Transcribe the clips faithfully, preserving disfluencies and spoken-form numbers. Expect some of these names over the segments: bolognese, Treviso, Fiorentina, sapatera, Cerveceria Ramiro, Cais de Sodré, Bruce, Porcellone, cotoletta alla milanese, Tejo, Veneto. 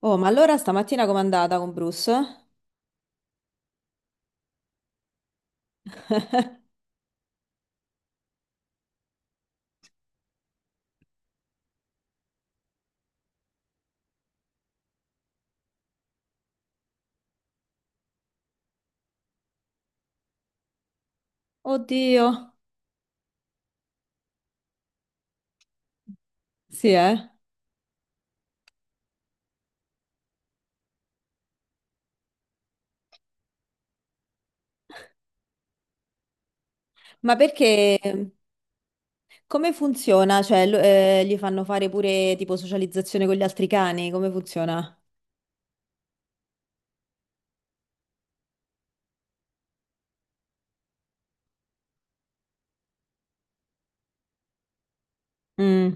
Oh, ma allora stamattina com'è andata con Bruce? Oddio, sì, eh. Ma perché come funziona? Cioè, lo- eh, gli fanno fare pure tipo socializzazione con gli altri cani? Come funziona? Mm,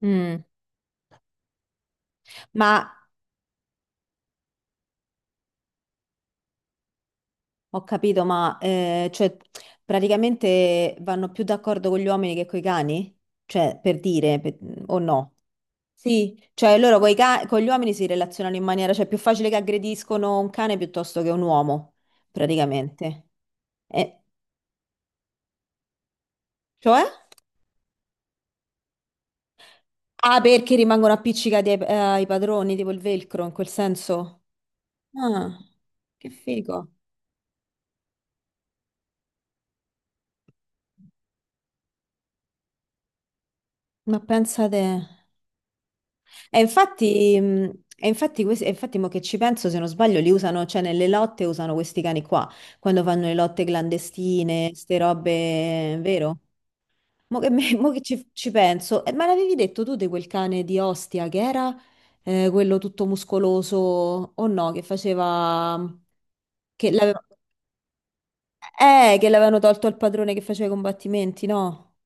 mm. Ma ho capito, ma eh, cioè, praticamente vanno più d'accordo con gli uomini che con i cani? Cioè, per dire, per- o no? Sì, cioè loro coi ca- con gli uomini si relazionano in maniera, cioè è più facile che aggrediscono un cane piuttosto che un uomo, praticamente. Eh, Cioè? Ah, perché rimangono appiccicati ai, eh, ai padroni, tipo il velcro, in quel senso. Ah, che figo. Ma pensate... E infatti, mh, e infatti, questi- e infatti mo che ci penso, se non sbaglio, li usano, cioè nelle lotte usano questi cani qua, quando fanno le lotte clandestine, ste robe, vero? Mo che, me- mo che ci, ci penso, eh, ma l'avevi detto tu di quel cane di Ostia che era eh, quello tutto muscoloso o no, che faceva... che l'aveva... Eh, che l'avevano tolto al padrone che faceva i combattimenti, no?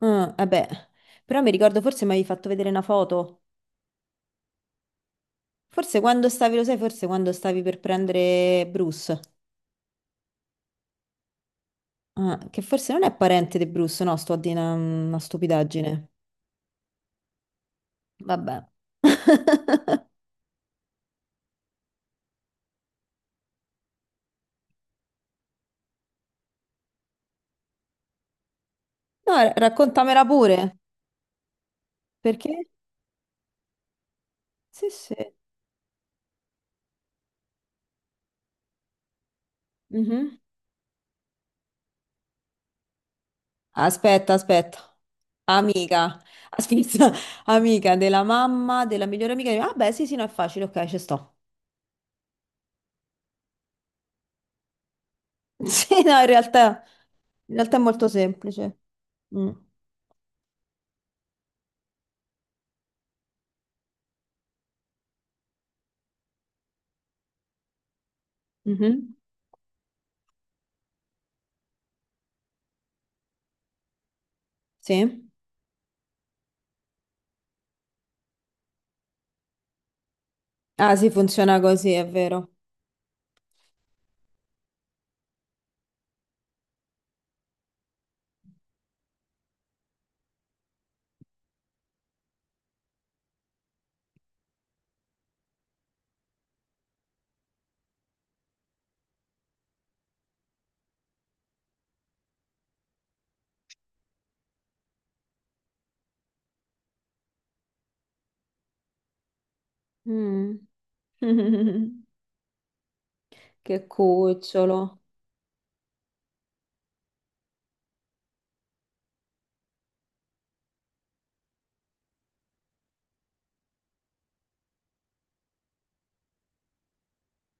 Ah, vabbè. Però mi ricordo forse mi avevi fatto vedere una foto. Forse quando stavi, lo sai, forse quando stavi per prendere Bruce. Ah, che forse non è parente di Bruce, no? Sto a dire una, una stupidaggine. Vabbè. No, ra- raccontamela pure. Perché? Sì, sì. Mhm. Aspetta, aspetta. Amica. Aspetta. Amica della mamma, della migliore amica. Di- Ah, beh, sì, sì, no, è facile, ok, ci sto. Sì, no, in realtà... In realtà è molto semplice. Mm. Mhm. Sì? Ah, sì, funziona così, è vero. Mm. Che cucciolo.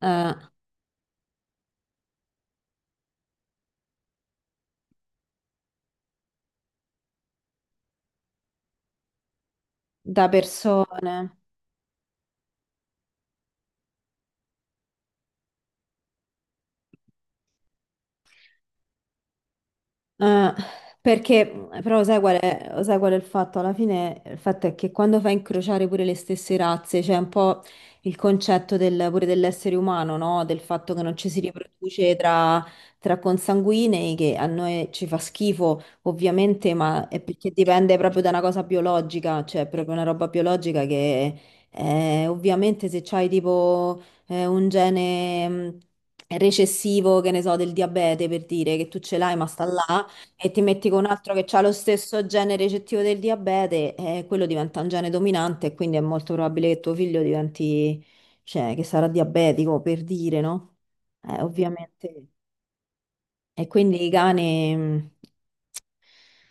Eh, da persone. Eh, perché però sai qual è, sai qual è il fatto? Alla fine il fatto è che quando fai incrociare pure le stesse razze, c'è un po' il concetto del- pure dell'essere umano, no? Del fatto che non ci si riproduce tra, tra consanguinei, che a noi ci fa schifo, ovviamente, ma è perché dipende proprio da una cosa biologica, cioè è proprio una roba biologica che eh, ovviamente se c'hai tipo eh, un gene mh, recessivo, che ne so, del diabete per dire che tu ce l'hai, ma sta là. E ti metti con un altro che ha lo stesso gene recettivo del diabete, e quello diventa un gene dominante e quindi è molto probabile che tuo figlio diventi, cioè, che sarà diabetico, per dire, no? Eh, ovviamente. E quindi i cani, mh,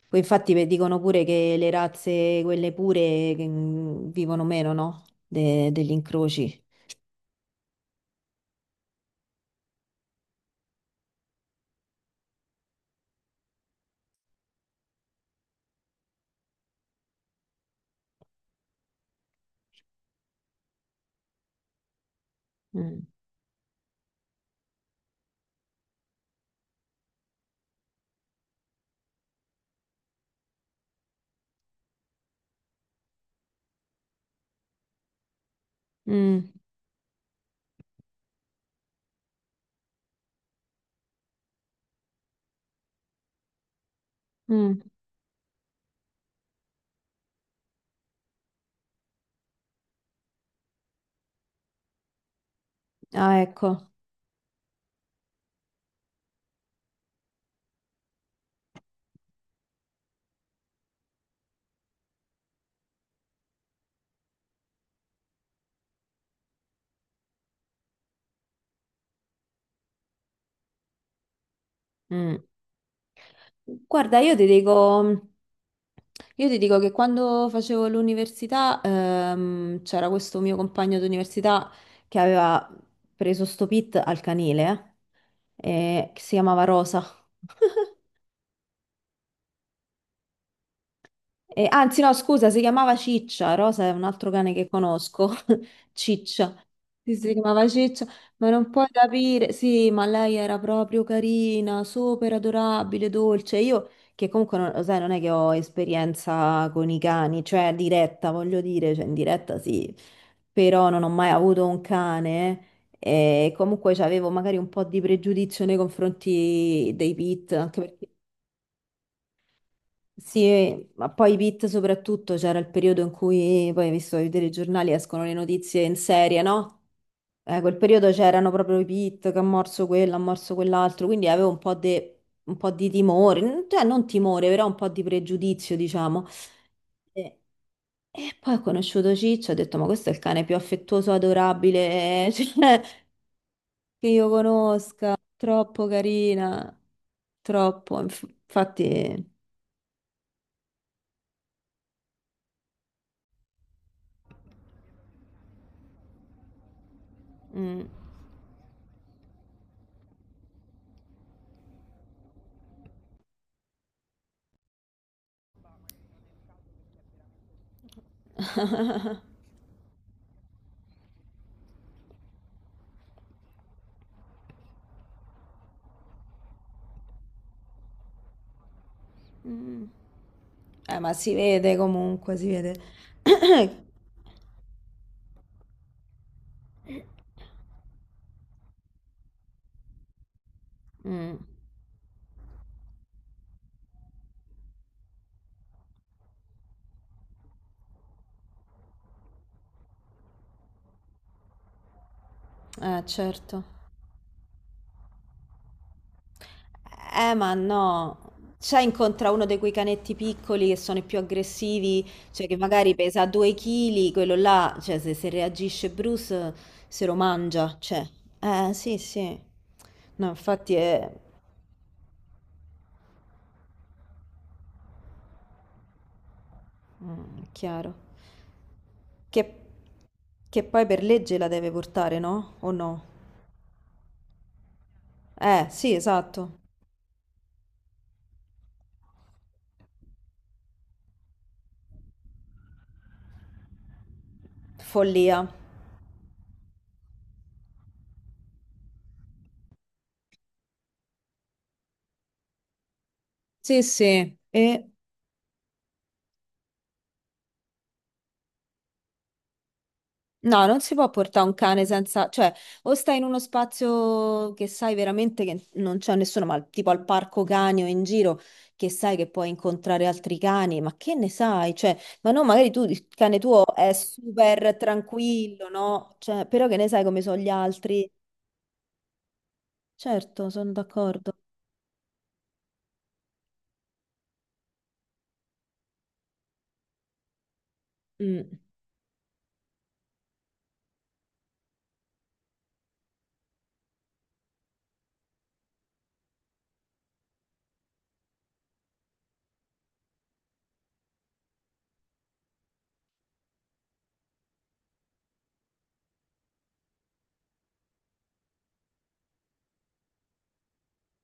poi infatti ve- dicono pure che le razze, quelle pure, che, mh, vivono meno, no? De- degli incroci. Mm. Mm. Mm. Ah, ecco. Mm. Guarda, io ti dico, io ti dico che quando facevo l'università, ehm, c'era questo mio compagno d'università che aveva preso sto pit al canile, eh, che si chiamava Rosa. Eh, anzi, no, scusa, si chiamava Ciccia. Rosa è un altro cane che conosco. Ciccia. Sì, si chiamava Ciccia, ma non puoi capire. Sì, ma lei era proprio carina, super adorabile, dolce. Io, che comunque, non, lo sai, non è che ho esperienza con i cani, cioè diretta, voglio dire, cioè in diretta sì, però non ho mai avuto un cane. Eh, E comunque avevo magari un po' di pregiudizio nei confronti dei pit, anche perché sì, ma poi i beat soprattutto c'era il periodo in cui, poi hai visto i telegiornali, escono le notizie in serie, no? Eh, quel periodo c'erano proprio i beat che ha morso quello, ha morso quell'altro, quindi avevo un po', de- un po' di timore, n- cioè non timore, però un po' di pregiudizio, diciamo. E, e poi ho conosciuto Ciccio, ho detto, ma questo è il cane più affettuoso, adorabile, cioè, che io conosca, troppo carina, troppo, inf- infatti... mm. Mm. Eh, ma si vede comunque, si vede. Mm. Eh, certo. Eh, ma no. Cioè, incontra uno di quei canetti piccoli che sono i più aggressivi, cioè che magari pesa due chili, quello là, cioè se, se reagisce Bruce se lo mangia, cioè. Eh, sì, sì. No, infatti è mm, chiaro. Che, che poi per legge la deve portare, no? O no? Eh, sì, esatto. Follia. Sì, sì, e no, non si può portare un cane senza, cioè, o stai in uno spazio che sai veramente che non c'è nessuno, ma tipo al parco cani o in giro, che sai che puoi incontrare altri cani, ma che ne sai? Cioè, ma no, magari tu, il cane tuo è super tranquillo, no? Cioè, però che ne sai come sono gli altri? Certo, sono d'accordo. Mm.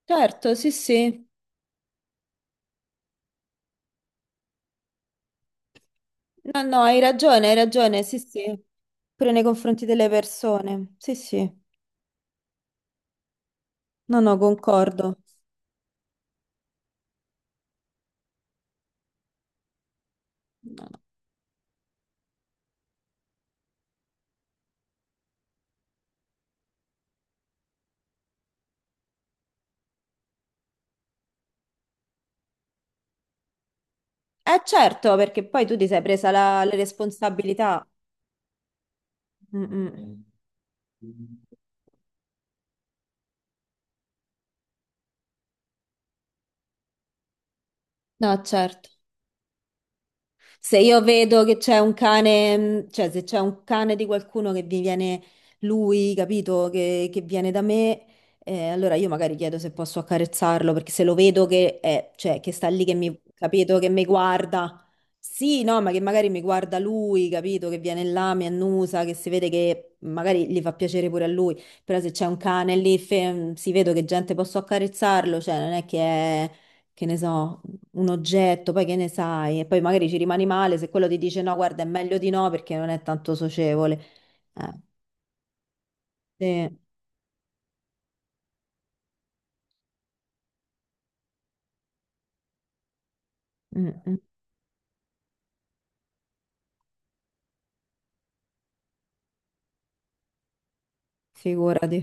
Certo, sì, sì. No, no, hai ragione, hai ragione, sì, sì. Pure nei confronti delle persone, sì, sì. No, no, concordo. No, no. Eh certo, perché poi tu ti sei presa la, le responsabilità. Mm, mm. No, certo. Se io vedo che c'è un cane, mh, cioè se c'è un cane di qualcuno che vi viene lui, capito, che, che viene da me, eh, allora io magari chiedo se posso accarezzarlo, perché se lo vedo che, è, cioè, che sta lì, che mi, capito, che mi guarda, sì, no, ma che magari mi guarda lui, capito, che viene là, mi annusa, che si vede che magari gli fa piacere pure a lui, però se c'è un cane lì, fe- mm, si vedo che gente posso accarezzarlo, cioè non è che è, che ne so un oggetto, poi che ne sai, e poi magari ci rimani male se quello ti dice no, guarda, è meglio di no perché non è tanto socievole. Eh, sì, mm, mm, figurati.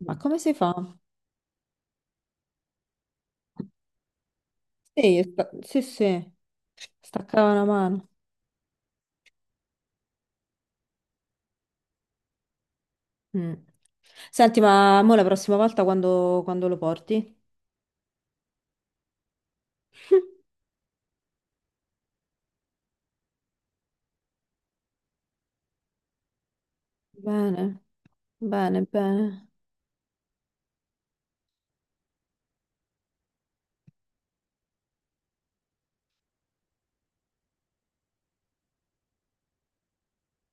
Ma come si fa? Sì, sta- sì, sì, staccava una mano. Mm. Senti, ma mo la prossima volta quando, quando lo porti? Bene, bene, bene.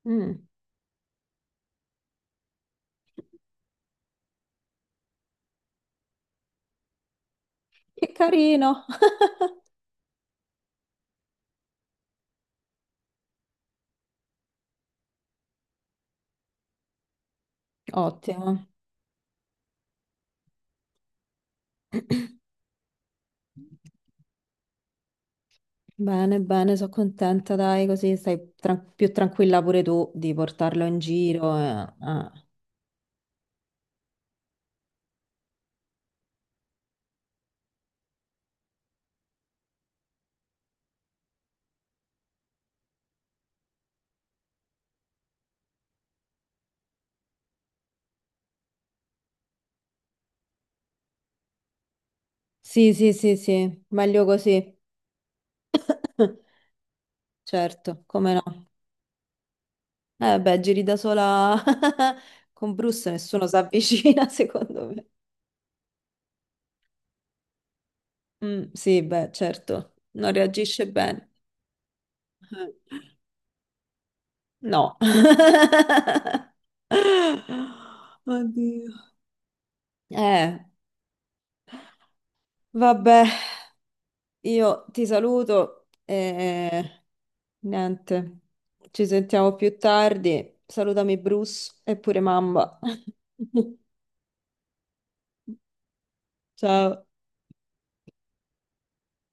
Mm, che carino. Ottimo. Bene, bene, sono contenta, dai, così stai tran- più tranquilla pure tu di portarlo in giro. Eh, ah. Sì, sì, sì, sì, meglio così. Certo, come no. Eh beh, giri da sola con Bruce, nessuno si avvicina, secondo me. Mm, sì, beh, certo, non reagisce bene. Eh, No. Oddio. Eh, vabbè, io ti saluto. Eh, Niente, ci sentiamo più tardi. Salutami Bruce e pure mamma. Ciao.